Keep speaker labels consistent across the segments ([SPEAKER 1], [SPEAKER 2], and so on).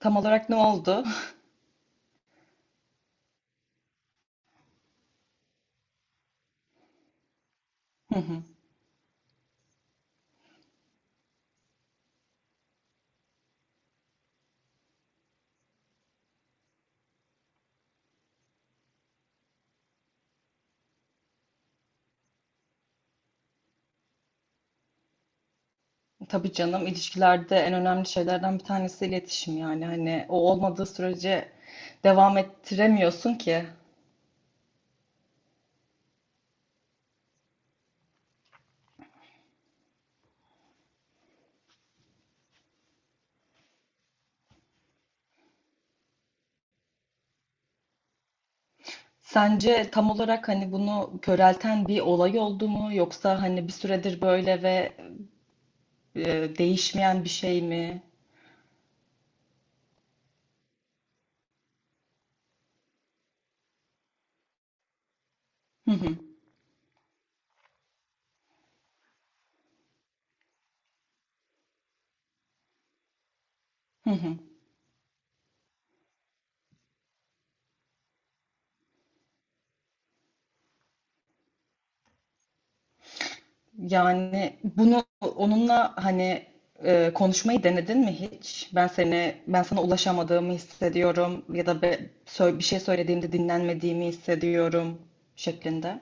[SPEAKER 1] Tam olarak ne oldu? Hı hı. Tabii canım, ilişkilerde en önemli şeylerden bir tanesi iletişim, yani hani o olmadığı sürece devam ettiremiyorsun ki. Sence tam olarak hani bunu körelten bir olay oldu mu, yoksa hani bir süredir böyle ve değişmeyen bir şey mi? Hı hı. Hı hı. Yani bunu onunla hani konuşmayı denedin mi hiç? Ben sana ulaşamadığımı hissediyorum, ya da bir şey söylediğimde dinlenmediğimi hissediyorum şeklinde.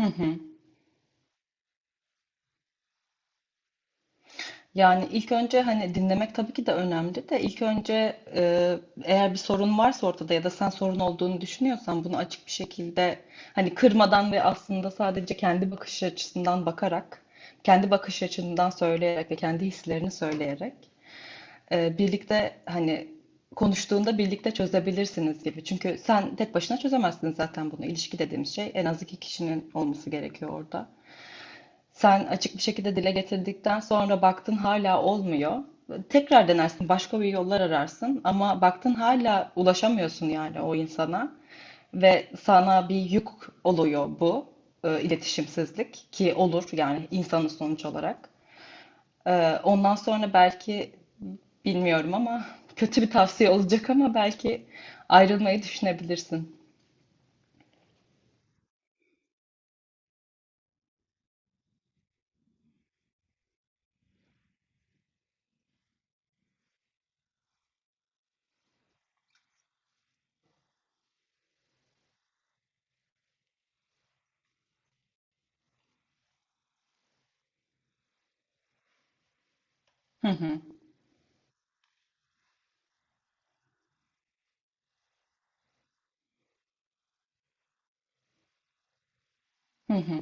[SPEAKER 1] Hı hı. Yani ilk önce hani dinlemek tabii ki de önemli, de ilk önce eğer bir sorun varsa ortada ya da sen sorun olduğunu düşünüyorsan, bunu açık bir şekilde hani kırmadan ve aslında sadece kendi bakış açısından bakarak, kendi bakış açından söyleyerek ve kendi hislerini söyleyerek birlikte hani konuştuğunda birlikte çözebilirsiniz gibi. Çünkü sen tek başına çözemezsin zaten bunu. İlişki dediğimiz şey en az iki kişinin olması gerekiyor orada. Sen açık bir şekilde dile getirdikten sonra baktın hala olmuyor. Tekrar denersin, başka bir yollar ararsın, ama baktın hala ulaşamıyorsun yani o insana ve sana bir yük oluyor bu iletişimsizlik, ki olur yani insanın sonuç olarak. Ondan sonra belki, bilmiyorum ama, kötü bir tavsiye olacak ama belki ayrılmayı düşünebilirsin. Hı hı. Hı hı.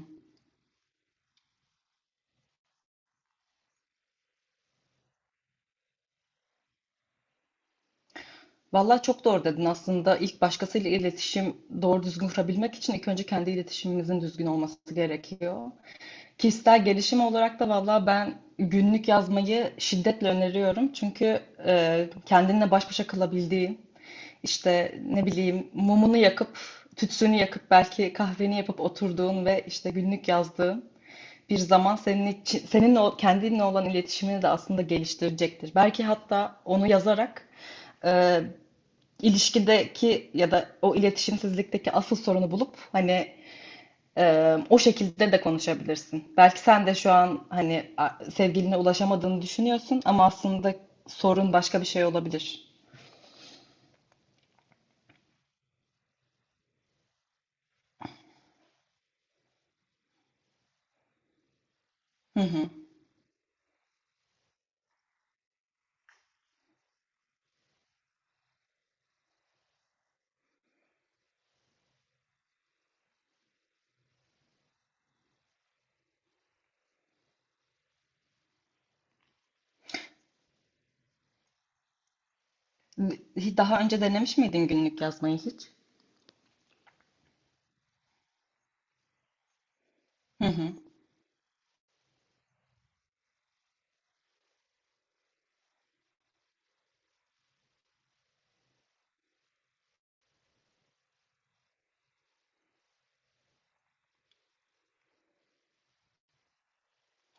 [SPEAKER 1] Vallahi çok doğru dedin. Aslında ilk başkasıyla iletişim doğru düzgün kurabilmek için ilk önce kendi iletişimimizin düzgün olması gerekiyor. Kişisel gelişim olarak da valla ben günlük yazmayı şiddetle öneriyorum. Çünkü kendinle baş başa kalabildiğin, işte ne bileyim mumunu yakıp, tütsünü yakıp belki kahveni yapıp oturduğun ve işte günlük yazdığın bir zaman senin için, seninle kendinle olan iletişimini de aslında geliştirecektir. Belki hatta onu yazarak e, ilişkideki ya da o iletişimsizlikteki asıl sorunu bulup hani o şekilde de konuşabilirsin. Belki sen de şu an hani sevgiline ulaşamadığını düşünüyorsun ama aslında sorun başka bir şey olabilir. Hı hı. Daha önce denemiş miydin günlük yazmayı hiç? Hı hı.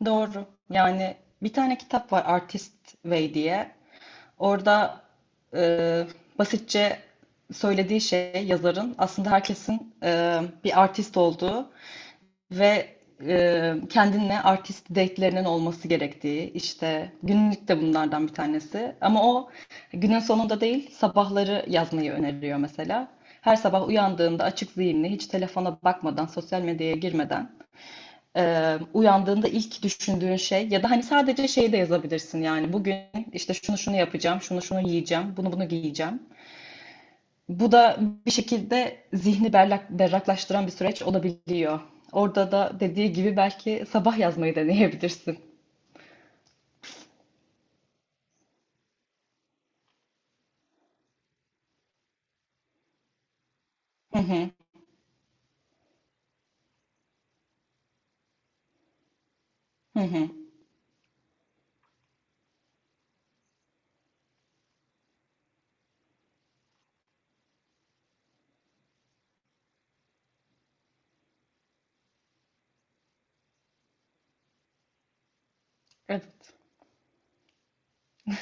[SPEAKER 1] Doğru. Yani bir tane kitap var, Artist Way diye. Orada e, basitçe söylediği şey, yazarın aslında herkesin bir artist olduğu ve kendinle artist date'lerinin olması gerektiği, işte günlük de bunlardan bir tanesi. Ama o günün sonunda değil, sabahları yazmayı öneriyor mesela. Her sabah uyandığında açık zihinli, hiç telefona bakmadan, sosyal medyaya girmeden, uyandığında ilk düşündüğün şey, ya da hani sadece şeyi de yazabilirsin, yani bugün işte şunu şunu yapacağım, şunu şunu yiyeceğim, bunu bunu giyeceğim. Bu da bir şekilde zihni berraklaştıran bir süreç olabiliyor. Orada da dediği gibi belki sabah yazmayı deneyebilirsin. Hı hı, hı hı. Evet.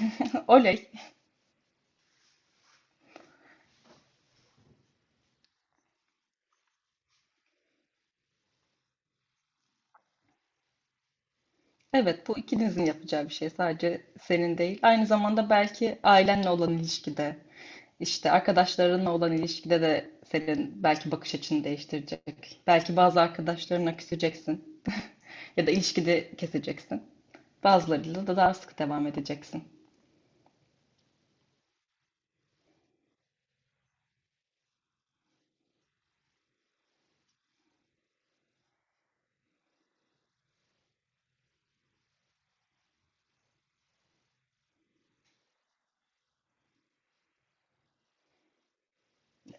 [SPEAKER 1] Oley. Evet, bu ikinizin yapacağı bir şey. Sadece senin değil. Aynı zamanda belki ailenle olan ilişkide, işte arkadaşlarınla olan ilişkide de senin belki bakış açını değiştirecek. Belki bazı arkadaşlarına küseceksin ya da ilişkide keseceksin. Bazılarıyla da daha sık devam edeceksin.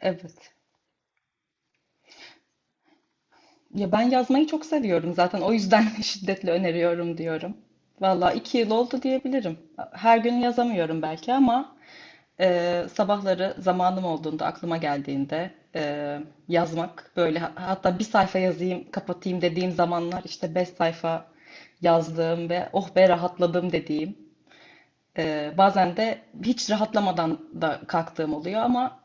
[SPEAKER 1] Evet. Ya ben yazmayı çok seviyorum zaten. O yüzden şiddetle öneriyorum diyorum. Valla iki yıl oldu diyebilirim. Her gün yazamıyorum belki ama sabahları zamanım olduğunda, aklıma geldiğinde yazmak böyle, hatta bir sayfa yazayım, kapatayım dediğim zamanlar işte beş sayfa yazdığım ve oh be rahatladım dediğim. Bazen de hiç rahatlamadan da kalktığım oluyor, ama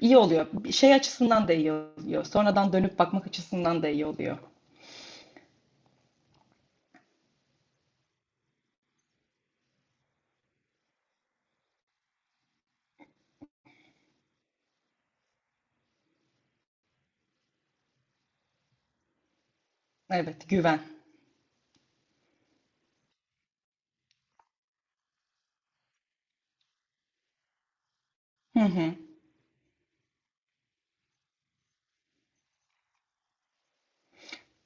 [SPEAKER 1] iyi oluyor. Bir şey açısından da iyi oluyor. Sonradan dönüp bakmak açısından da iyi oluyor. Evet, güven. Hı hı.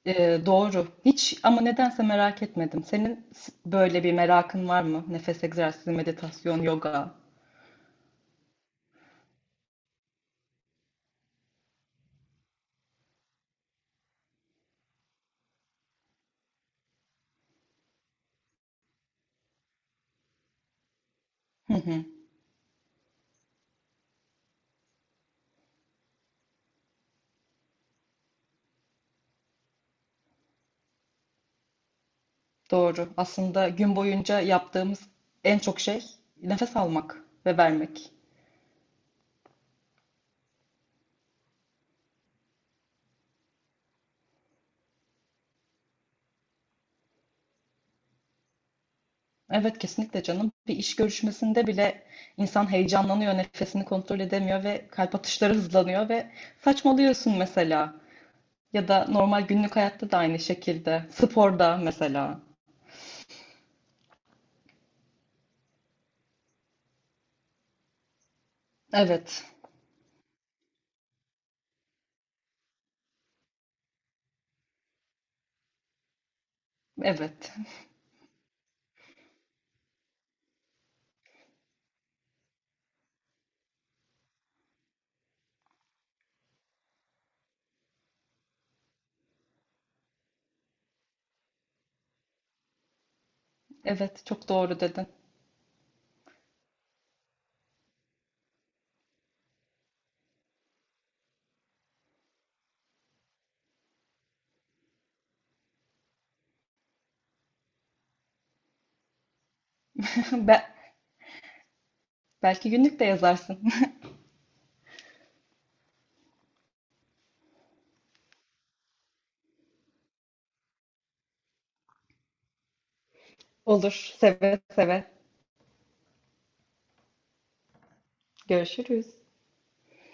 [SPEAKER 1] Doğru. Hiç ama nedense merak etmedim. Senin böyle bir merakın var mı? Nefes egzersizi, meditasyon, yoga. Hı hı. Doğru. Aslında gün boyunca yaptığımız en çok şey nefes almak ve vermek. Evet, kesinlikle canım. Bir iş görüşmesinde bile insan heyecanlanıyor, nefesini kontrol edemiyor ve kalp atışları hızlanıyor ve saçmalıyorsun mesela. Ya da normal günlük hayatta da aynı şekilde. Sporda mesela. Evet. Evet. Evet, çok doğru dedin. Be Belki günlük de yazarsın. Olur, seve seve. Görüşürüz.